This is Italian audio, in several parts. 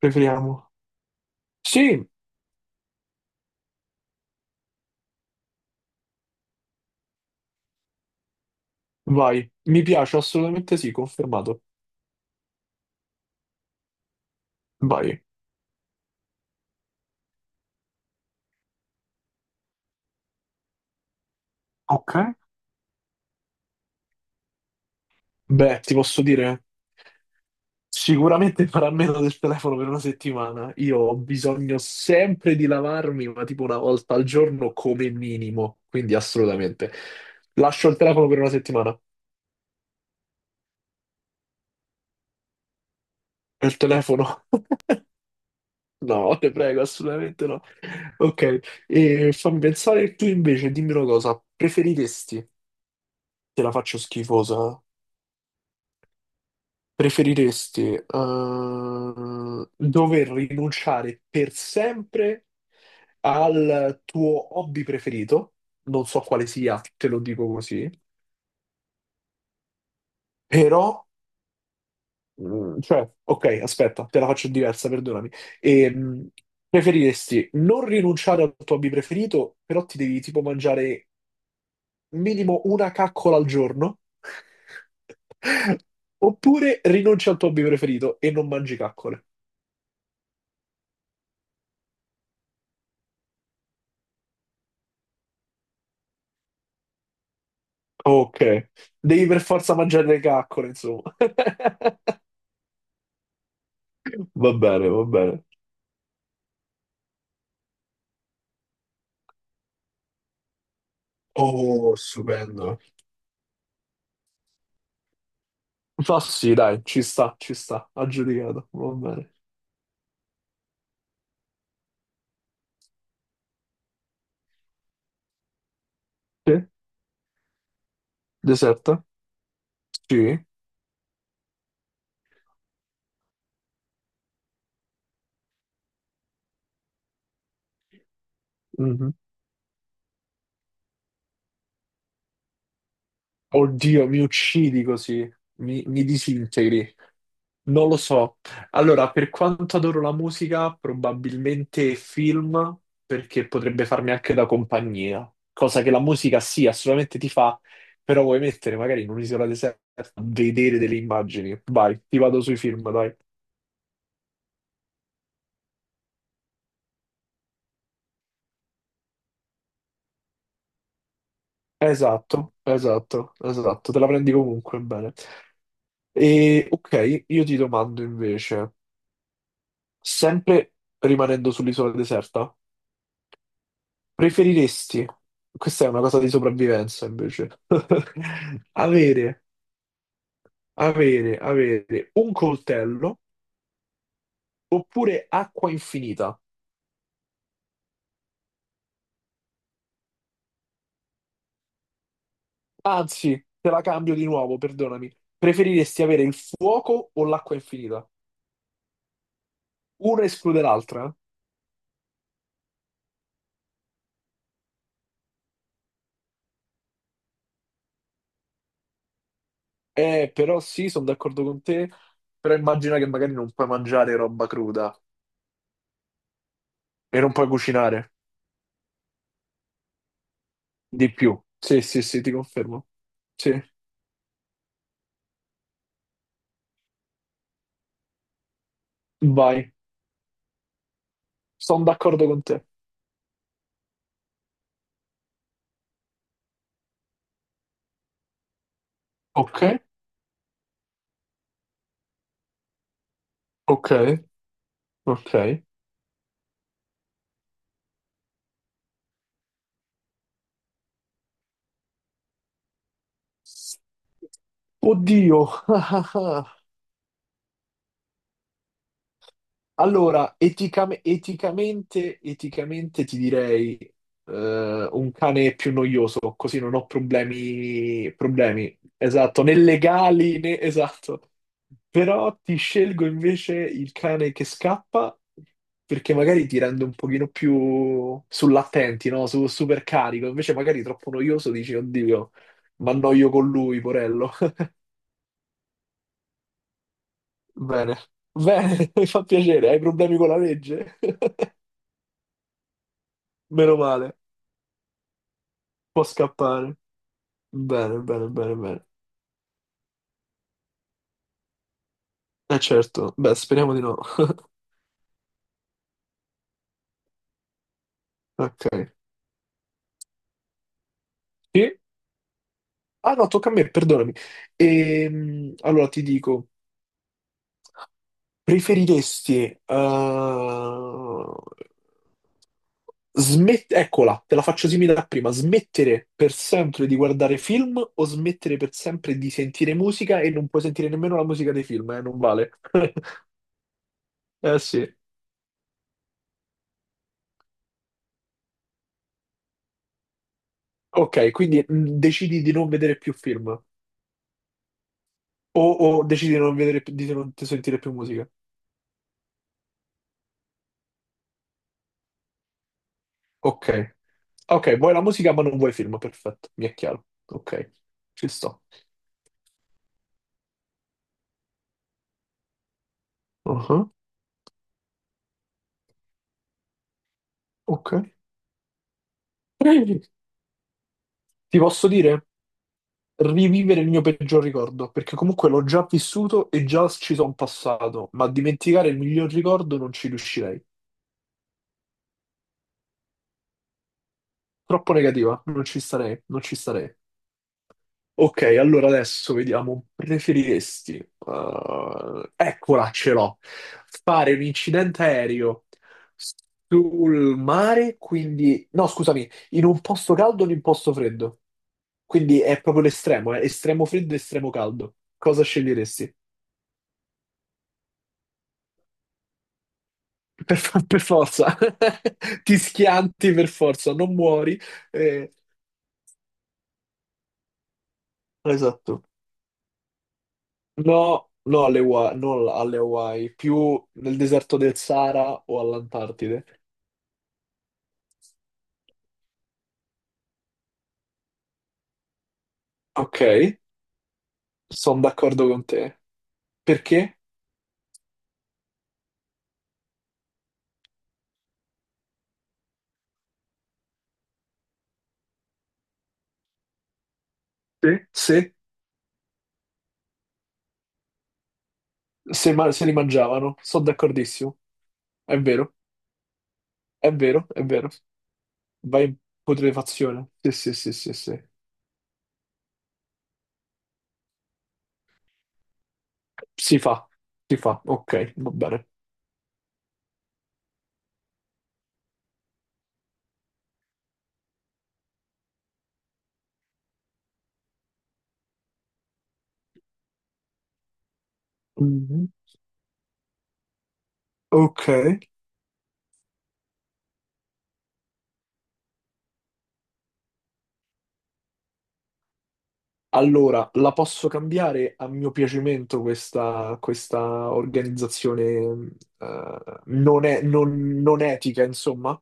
Preferiamo? Sì, vai. Mi piace, assolutamente sì, confermato. Vai. Ok. Beh, ti posso dire, sicuramente farà meno del telefono per una settimana. Io ho bisogno sempre di lavarmi, ma tipo una volta al giorno come minimo, quindi assolutamente. Lascio il telefono per una settimana. Il telefono? No, te prego, assolutamente no. Ok, e fammi pensare tu invece, dimmi una cosa, preferiresti, te la faccio schifosa. Preferiresti dover rinunciare per sempre al tuo hobby preferito? Non so quale sia, te lo dico così, però, cioè, ok, aspetta, te la faccio diversa, perdonami. Ehm, preferiresti non rinunciare al tuo hobby preferito, però ti devi tipo mangiare minimo una caccola al giorno? Oppure rinunci al tuo hobby preferito e non mangi caccole? Ok, devi per forza mangiare le caccole, insomma. Va bene, va bene. Oh, stupendo. Ma sì, dai, ci sta, aggiudicato, va bene. Sì? Deserta? Sì. Mhm. Oddio, mi uccidi così, mi disintegri. Non lo so. Allora, per quanto adoro la musica, probabilmente film, perché potrebbe farmi anche da compagnia, cosa che la musica sì, assolutamente ti fa, però vuoi mettere magari in un'isola deserta, a vedere delle immagini. Vai, ti vado sui film, dai. Esatto, esatto, esatto, te la prendi comunque bene. E ok, io ti domando invece, sempre rimanendo sull'isola deserta, preferiresti, questa è una cosa di sopravvivenza invece, avere, avere un coltello oppure acqua infinita? Anzi, te la cambio di nuovo, perdonami. Preferiresti avere il fuoco o l'acqua infinita? Una esclude l'altra? Eh, però sì, sono d'accordo con te, però immagina che magari non puoi mangiare roba cruda e non puoi cucinare di più. Sì, sì, sì, ti confermo. Sì, vai, sono d'accordo con te. Ok. Ok, ok. Oddio. Allora, eticamente ti direi un cane è più noioso, così non ho problemi, problemi, esatto, né legali né esatto. Però ti scelgo invece il cane che scappa perché magari ti rende un pochino più sull'attenti, no? Su, super carico, invece magari troppo noioso dici, oddio, mi annoio con lui, porello. Bene, bene, mi fa piacere. Hai problemi con la legge? Meno male, può scappare. Bene, bene, bene, bene. Eh certo, beh, speriamo di no. Ok. Sì? Ah no, tocca a me, perdonami. Allora ti dico, preferiresti. Eccola, te la faccio simile a prima. Smettere per sempre di guardare film o smettere per sempre di sentire musica e non puoi sentire nemmeno la musica dei film, eh? Non vale. Eh sì. Ok, quindi decidi di non vedere più film o decidi di non vedere, di non sentire più musica. Ok, ok, vuoi la musica ma non vuoi film, perfetto, mi è chiaro. Ok, ci sto. Uh-huh, ok. Ti posso dire, rivivere il mio peggior ricordo, perché comunque l'ho già vissuto e già ci sono passato, ma dimenticare il miglior ricordo non ci riuscirei. Troppo negativa, non ci starei, non ci starei. Ok, allora adesso vediamo. Preferiresti, eccola, ce l'ho. Fare un incidente aereo sul mare, quindi, no, scusami, in un posto caldo o in un posto freddo? Quindi è proprio l'estremo, estremo freddo e estremo caldo. Cosa sceglieresti? Per forza, ti schianti per forza, non muori. eh, Esatto. No, no alle Hawaii, non alle Hawaii, più nel deserto del Sahara o all'Antartide. Ok, sono d'accordo con te. Perché? Sì. Se li mangiavano, sono d'accordissimo. È vero, è vero, è vero. Vai in putrefazione. Sì, sì, sì, sì, sì. Si fa, si fa. Ok, va bene. Mhm. Ok. Allora, la posso cambiare a mio piacimento questa organizzazione non, è- non- non etica, insomma?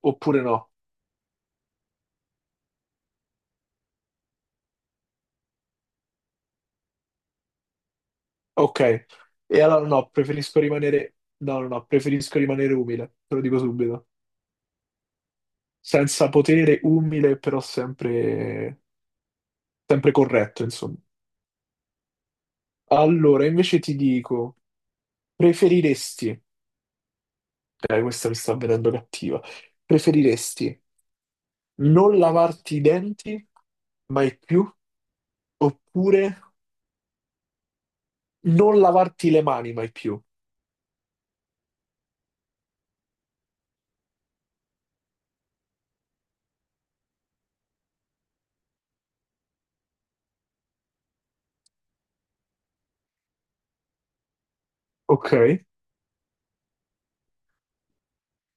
Oppure no? Ok. E allora no, preferisco rimanere. No, no, no, preferisco rimanere umile, te lo dico subito. Senza potere, umile, però sempre, sempre corretto, insomma. Allora, invece ti dico, preferiresti. Questa mi sta venendo cattiva. Preferiresti non lavarti i denti mai più, oppure non lavarti le mani mai più. Ok,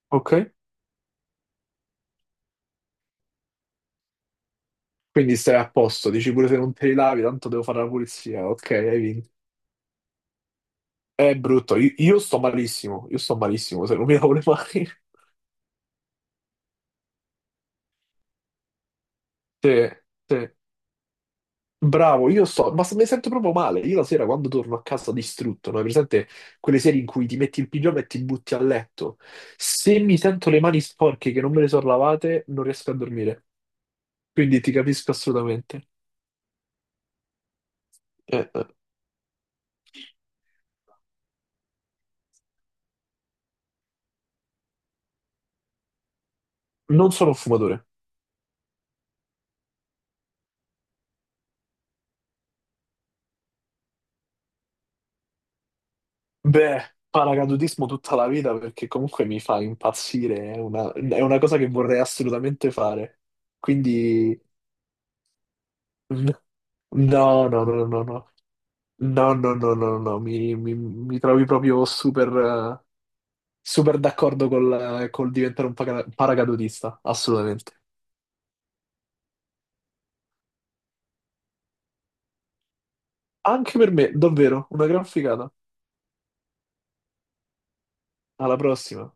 ok. Quindi stai a posto, dici pure se non te li lavi, tanto devo fare la pulizia. Ok, hai vinto. È brutto, io sto malissimo, io sto malissimo se non mi lavo le mani. Sì, sì. Bravo, io sto, ma mi sento proprio male. Io la sera quando torno a casa distrutto, no? Hai presente quelle sere in cui ti metti il pigiama e ti butti a letto? Se mi sento le mani sporche che non me le sono lavate, non riesco a dormire. Quindi ti capisco assolutamente. Eh, eh, non sono un fumatore. Beh, paracadutismo tutta la vita perché comunque mi fa impazzire, è una cosa che vorrei assolutamente fare. Quindi no, no, no, no, no, no, no, no, no, no, no, mi trovi proprio eh, super d'accordo col diventare un paracadutista, assolutamente. Anche per me, davvero, una gran figata. Alla prossima.